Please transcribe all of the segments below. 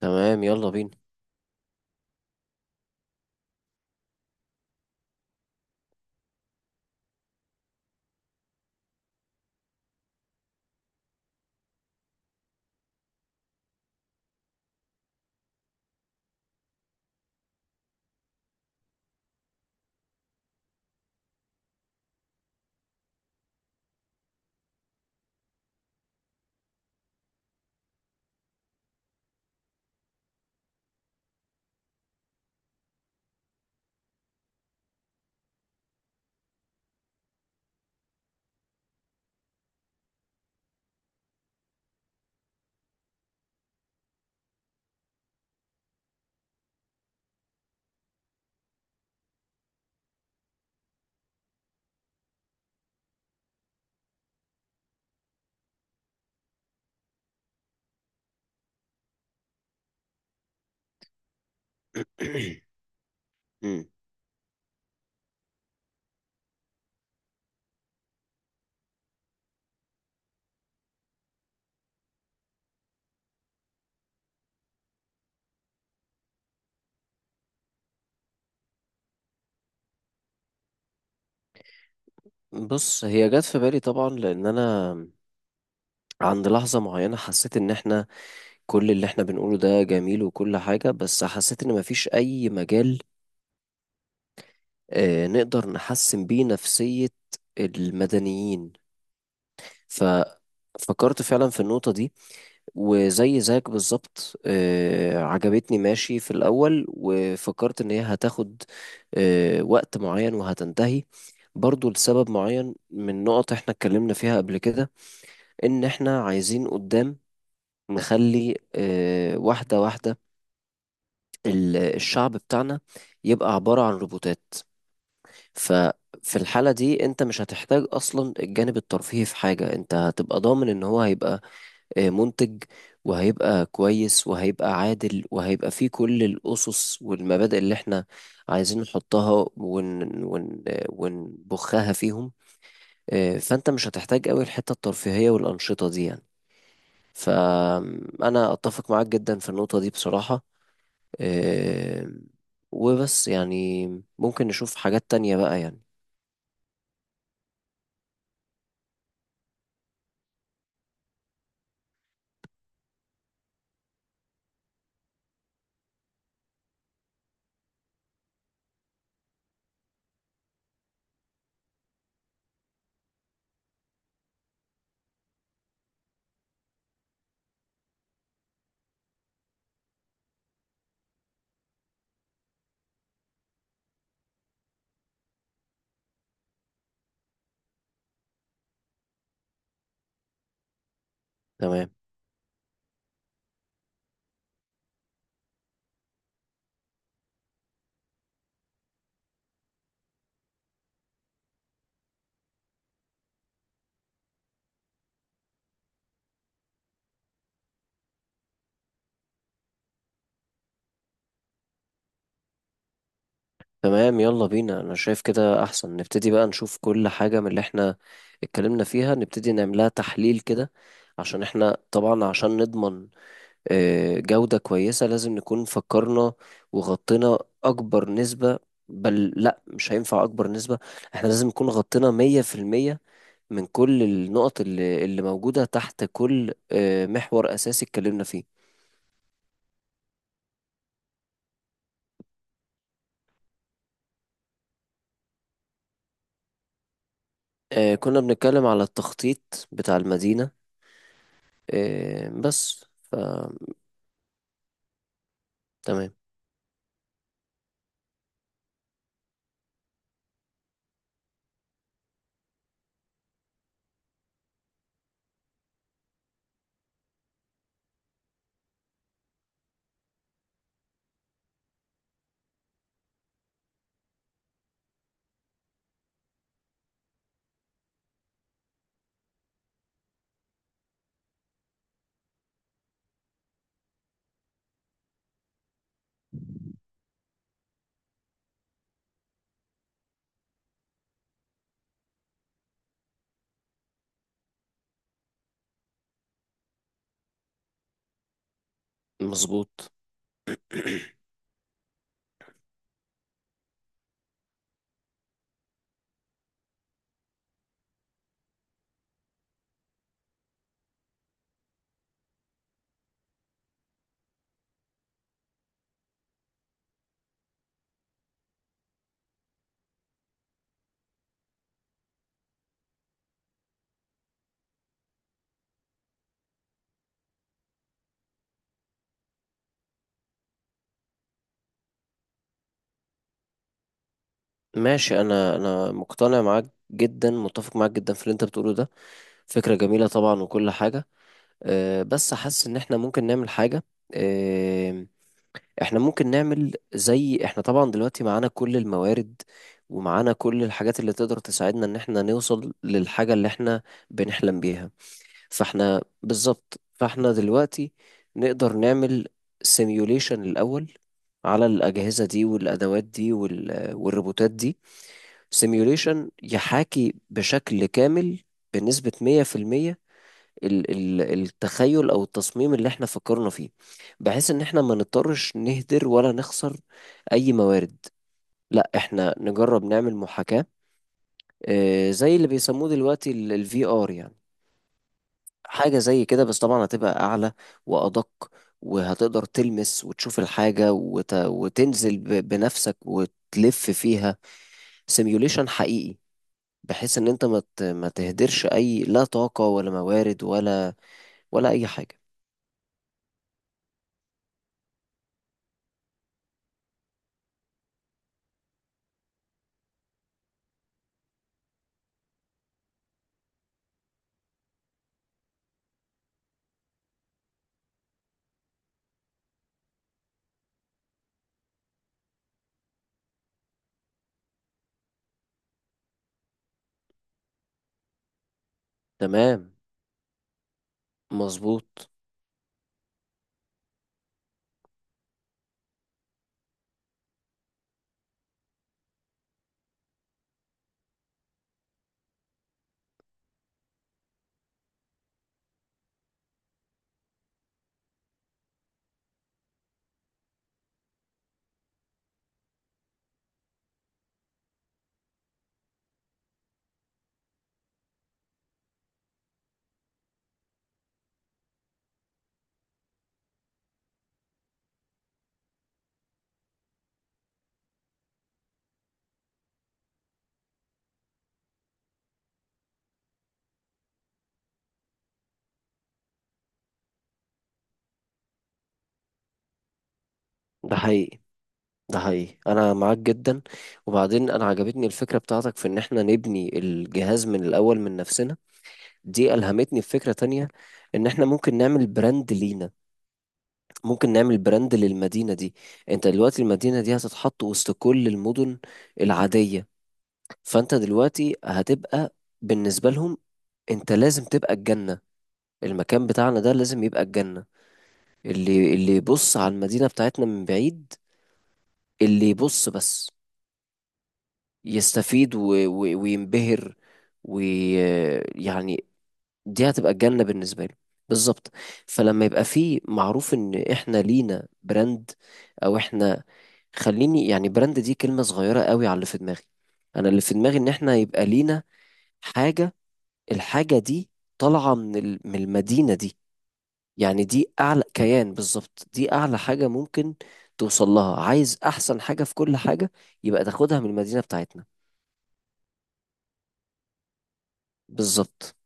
تمام يلا بينا مم. بص هي جت في بالي طبعا لان انا عند لحظة معينة حسيت ان احنا كل اللي احنا بنقوله ده جميل وكل حاجة بس حسيت ان مفيش اي مجال نقدر نحسن بيه نفسية المدنيين. ففكرت فعلا في النقطة دي وزي زيك بالظبط، عجبتني ماشي في الأول وفكرت إن هي هتاخد وقت معين وهتنتهي برضو لسبب معين من نقط احنا اتكلمنا فيها قبل كده، إن احنا عايزين قدام نخلي واحدة واحدة الشعب بتاعنا يبقى عبارة عن روبوتات. ففي الحالة دي انت مش هتحتاج أصلا الجانب الترفيهي في حاجة، انت هتبقى ضامن إن هو هيبقى منتج وهيبقى كويس وهيبقى عادل وهيبقى فيه كل الأسس والمبادئ اللي احنا عايزين نحطها ون ون آه، ونبخها فيهم. فأنت مش هتحتاج قوي الحتة الترفيهية والأنشطة دي يعني. فأنا أتفق معاك جدا في النقطة دي بصراحة. آه، وبس يعني ممكن نشوف حاجات تانية بقى يعني. تمام. تمام يلا بينا، انا شايف كده احسن نبتدي بقى نشوف كل حاجة من اللي احنا اتكلمنا فيها نبتدي نعملها تحليل كده، عشان احنا طبعا عشان نضمن جودة كويسة لازم نكون فكرنا وغطينا اكبر نسبة. بل لا، مش هينفع اكبر نسبة، احنا لازم نكون غطينا مية في المية من كل النقط اللي موجودة تحت كل محور اساسي اتكلمنا فيه. كنا بنتكلم على التخطيط بتاع المدينة بس. فتمام. مظبوط. ماشي، انا مقتنع معاك جدا، متفق معاك جدا في اللي انت بتقوله ده. فكرة جميلة طبعا وكل حاجة. أه بس حاسس ان احنا ممكن نعمل حاجة. أه، احنا ممكن نعمل زي احنا طبعا دلوقتي معانا كل الموارد ومعانا كل الحاجات اللي تقدر تساعدنا ان احنا نوصل للحاجة اللي احنا بنحلم بيها. فاحنا بالظبط، فاحنا دلوقتي نقدر نعمل سيميوليشن الاول على الأجهزة دي والأدوات دي والروبوتات دي. سيميوليشن يحاكي بشكل كامل بنسبة 100% التخيل أو التصميم اللي احنا فكرنا فيه، بحيث إن احنا ما نضطرش نهدر ولا نخسر أي موارد. لا، احنا نجرب نعمل محاكاة زي اللي بيسموه دلوقتي الفي ار يعني، حاجة زي كده بس طبعا هتبقى أعلى وأدق، وهتقدر تلمس وتشوف الحاجة وتنزل بنفسك وتلف فيها. سيميوليشن حقيقي، بحيث ان انت ما تهدرش اي، لا طاقة ولا موارد ولا ولا اي حاجة. تمام. مظبوط. ده حقيقي، ده حقيقي انا معاك جدا. وبعدين انا عجبتني الفكرة بتاعتك في ان احنا نبني الجهاز من الاول من نفسنا. دي الهمتني بفكرة تانية، ان احنا ممكن نعمل براند لينا، ممكن نعمل براند للمدينة دي. انت دلوقتي المدينة دي هتتحط وسط كل المدن العادية، فانت دلوقتي هتبقى بالنسبة لهم انت لازم تبقى الجنة. المكان بتاعنا ده لازم يبقى الجنة. اللي يبص على المدينة بتاعتنا من بعيد، اللي يبص بس يستفيد و... و... وينبهر ويعني، دي هتبقى الجنة بالنسبة له بالظبط. فلما يبقى فيه معروف ان احنا لينا براند، او احنا، خليني يعني براند دي كلمة صغيرة قوي على اللي في دماغي. انا اللي في دماغي ان احنا يبقى لينا حاجة، الحاجة دي طالعة من من المدينة دي. يعني دي اعلى كيان بالظبط، دي اعلى حاجة ممكن توصل لها. عايز احسن حاجة في كل حاجة يبقى تاخدها من المدينة بتاعتنا. بالظبط.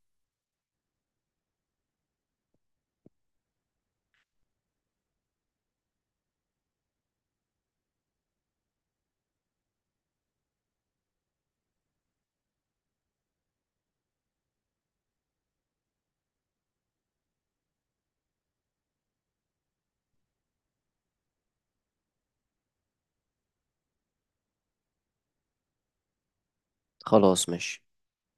خلاص ماشي.